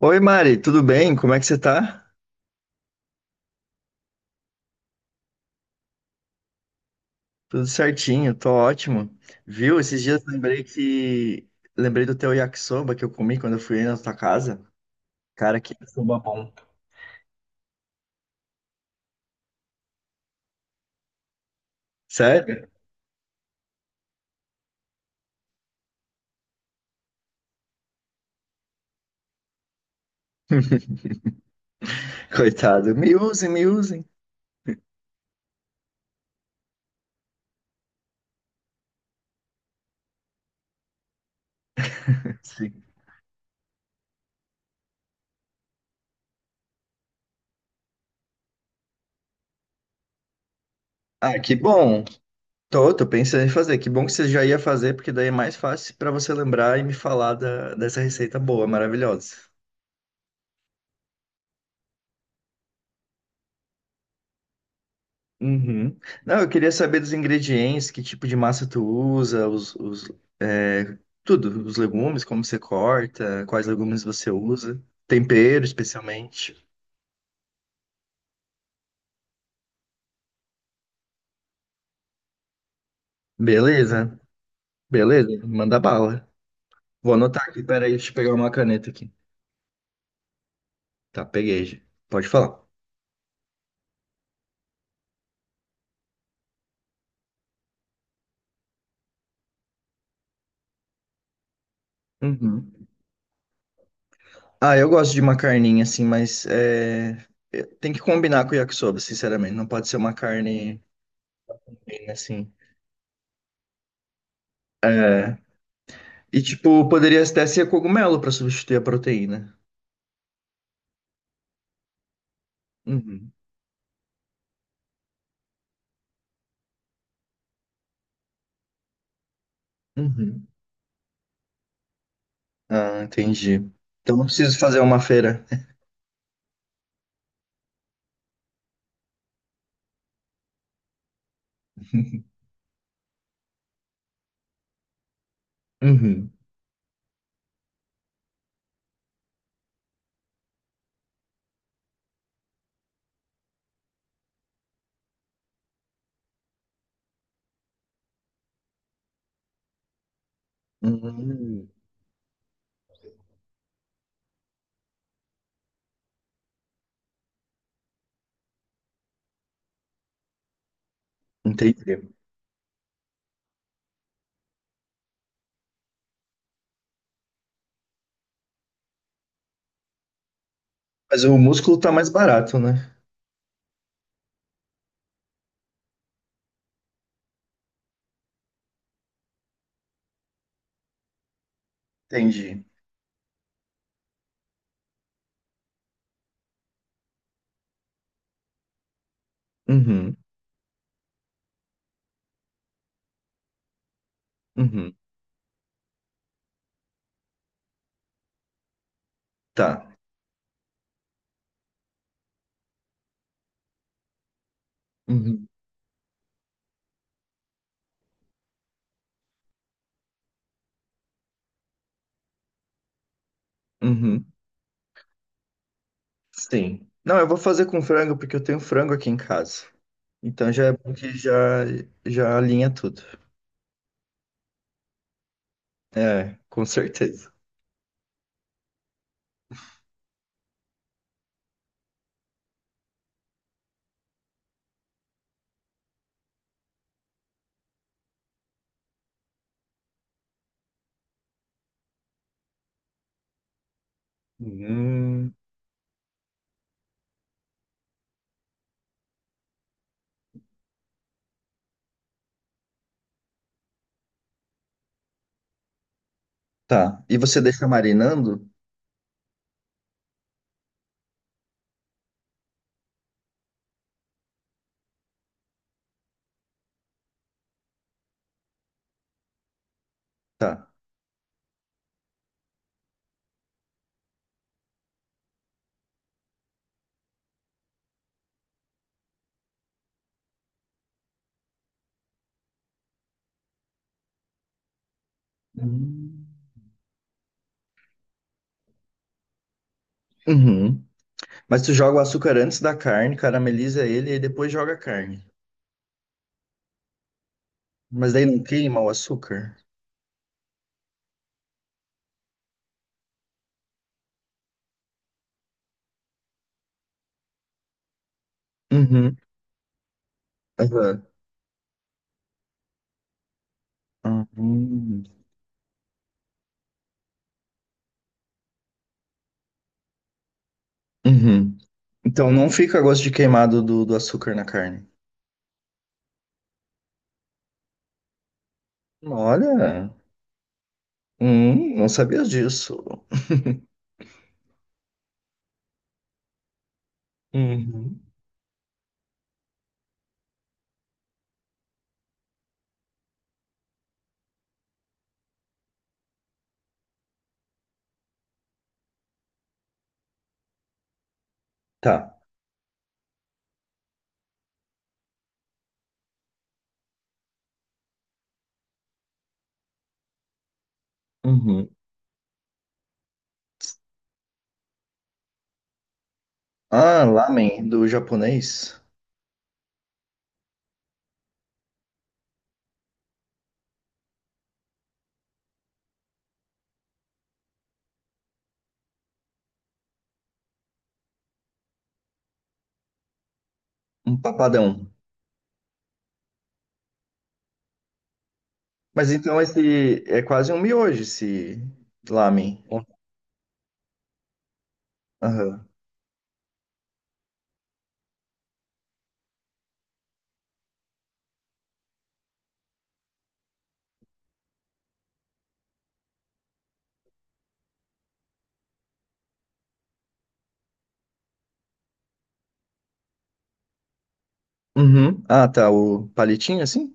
Oi, Mari, tudo bem? Como é que você tá? Tudo certinho, tô ótimo. Viu? Esses dias lembrei do teu yakisoba que eu comi quando eu fui aí na tua casa. Cara, que sério? Coitado, me usem, me usem. Sim. Ah, que bom. Tô pensando em fazer. Que bom que você já ia fazer, porque daí é mais fácil pra você lembrar e me falar dessa receita boa, maravilhosa. Uhum. Não, eu queria saber dos ingredientes, que tipo de massa tu usa, é, tudo, os legumes, como você corta, quais legumes você usa, tempero especialmente. Beleza, beleza, manda bala. Vou anotar aqui, peraí, deixa eu pegar uma caneta aqui. Tá, peguei já. Pode falar. Uhum. Ah, eu gosto de uma carninha assim, mas tem que combinar com o yakisoba, sinceramente. Não pode ser uma carne bem assim. É, e, tipo, poderia até ser cogumelo para substituir a proteína. Uhum. Uhum. Ah, entendi. Então não preciso fazer uma feira. Uhum. Uhum. Entendi. Mas o músculo tá mais barato, né? Entendi. Uhum. Uhum. Tá. Uhum. Uhum. Sim. Não, eu vou fazer com frango porque eu tenho frango aqui em casa. Então já é bom já alinha tudo. É, com certeza. Hum. Tá. E você deixa marinando? Tá. Hum. Uhum. Mas tu joga o açúcar antes da carne, carameliza ele e depois joga a carne. Mas daí não queima o açúcar? Uhum. Aham. Uhum. Uhum. Então não fica gosto de queimado do açúcar na carne. Olha, não sabia disso. Uhum. Tá. Uhum. Ah, lamen do japonês, um papadão. Mas então esse é quase um miojo, esse lamen. Aham. Uhum. Ah, tá, o palitinho assim?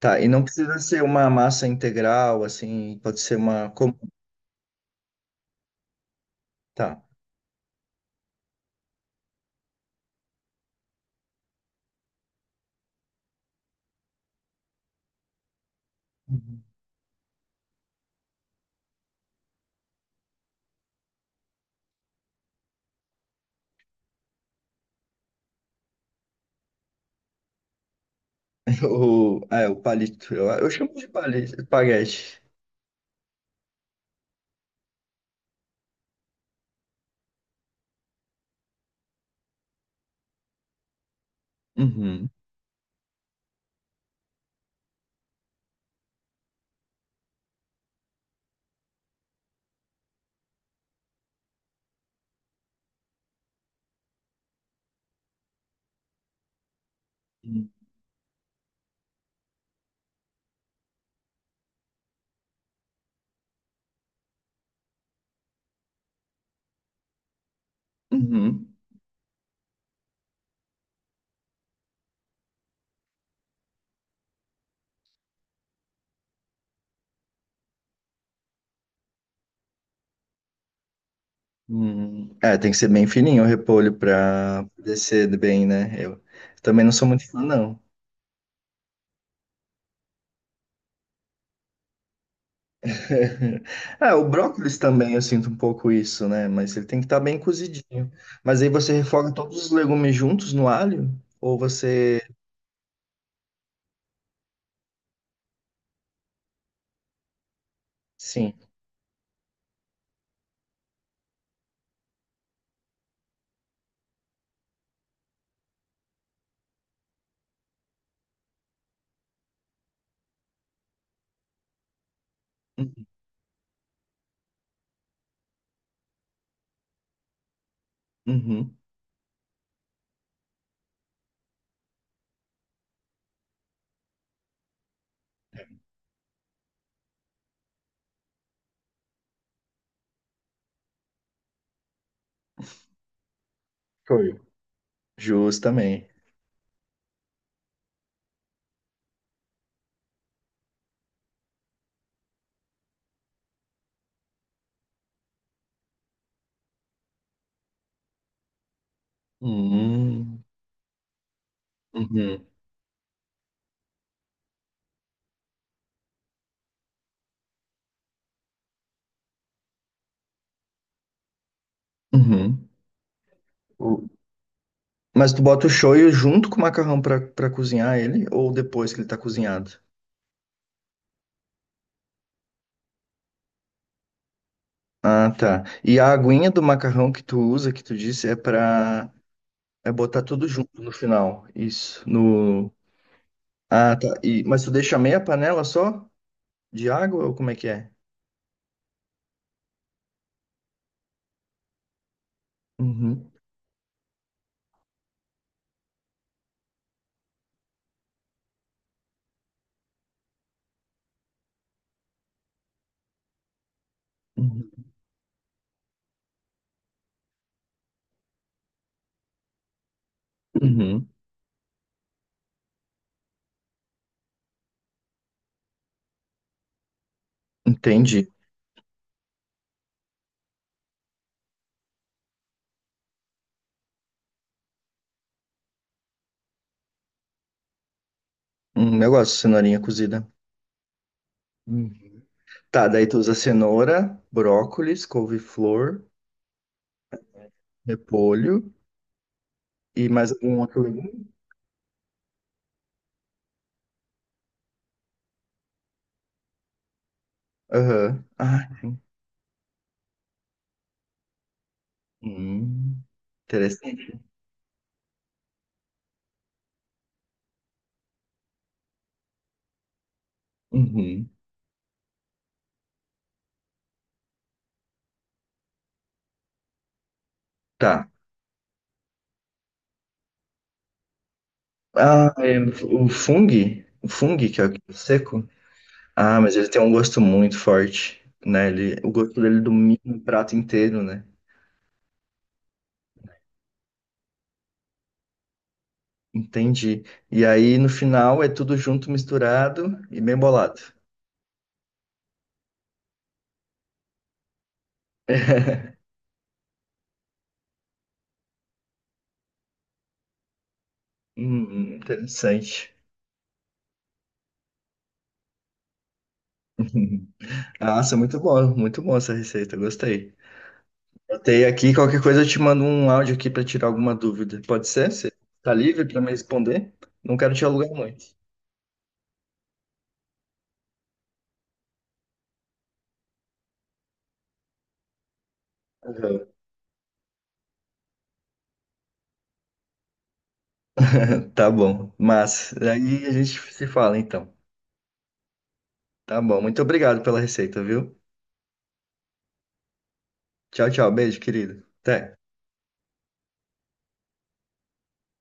Tá, e não precisa ser uma massa integral, assim, pode ser uma. Como? Tá. Uhum. O, ah, é, o palito. Eu chamo de palito, espaguete. Uhum. Uhum. Uhum. É, tem que ser bem fininho o repolho pra descer bem, né? Eu também não sou muito fã, não. Ah, o brócolis também eu sinto um pouco isso, né? Mas ele tem que estar bem cozidinho. Mas aí você refoga todos os legumes juntos no alho? Ou você. Sim. Uhum. Uhum. Foi. Jus também. Hum, uhum, uhum. O- Mas tu bota o shoyu junto com o macarrão pra cozinhar ele ou depois que ele tá cozinhado? Ah, tá. E a aguinha do macarrão que tu usa, que tu disse, é pra é botar tudo junto no final. Isso, no... Ah, tá. E, mas tu deixa meia panela só de água ou como é que é? Uhum, uhum, uhum. Entendi. Eu gosto de cenourinha cozida. Uhum. Tá, daí tu usa cenoura, brócolis, couve-flor, repolho e mais algum outro legume? Aham. Ah, hum, interessante. Uhum. Tá. Ah, é, o fungo que é o seco. Ah, mas ele tem um gosto muito forte, né? O gosto dele domina o prato inteiro, né? Entendi. E aí no final é tudo junto, misturado e bem bolado. Interessante. Nossa, muito bom essa receita, gostei. Anotei aqui, qualquer coisa eu te mando um áudio aqui para tirar alguma dúvida. Pode ser? Você tá livre para me responder? Não quero te alugar muito. Aham. Tá bom, mas aí a gente se fala então. Tá bom, muito obrigado pela receita, viu? Tchau, tchau, beijo, querido. Até.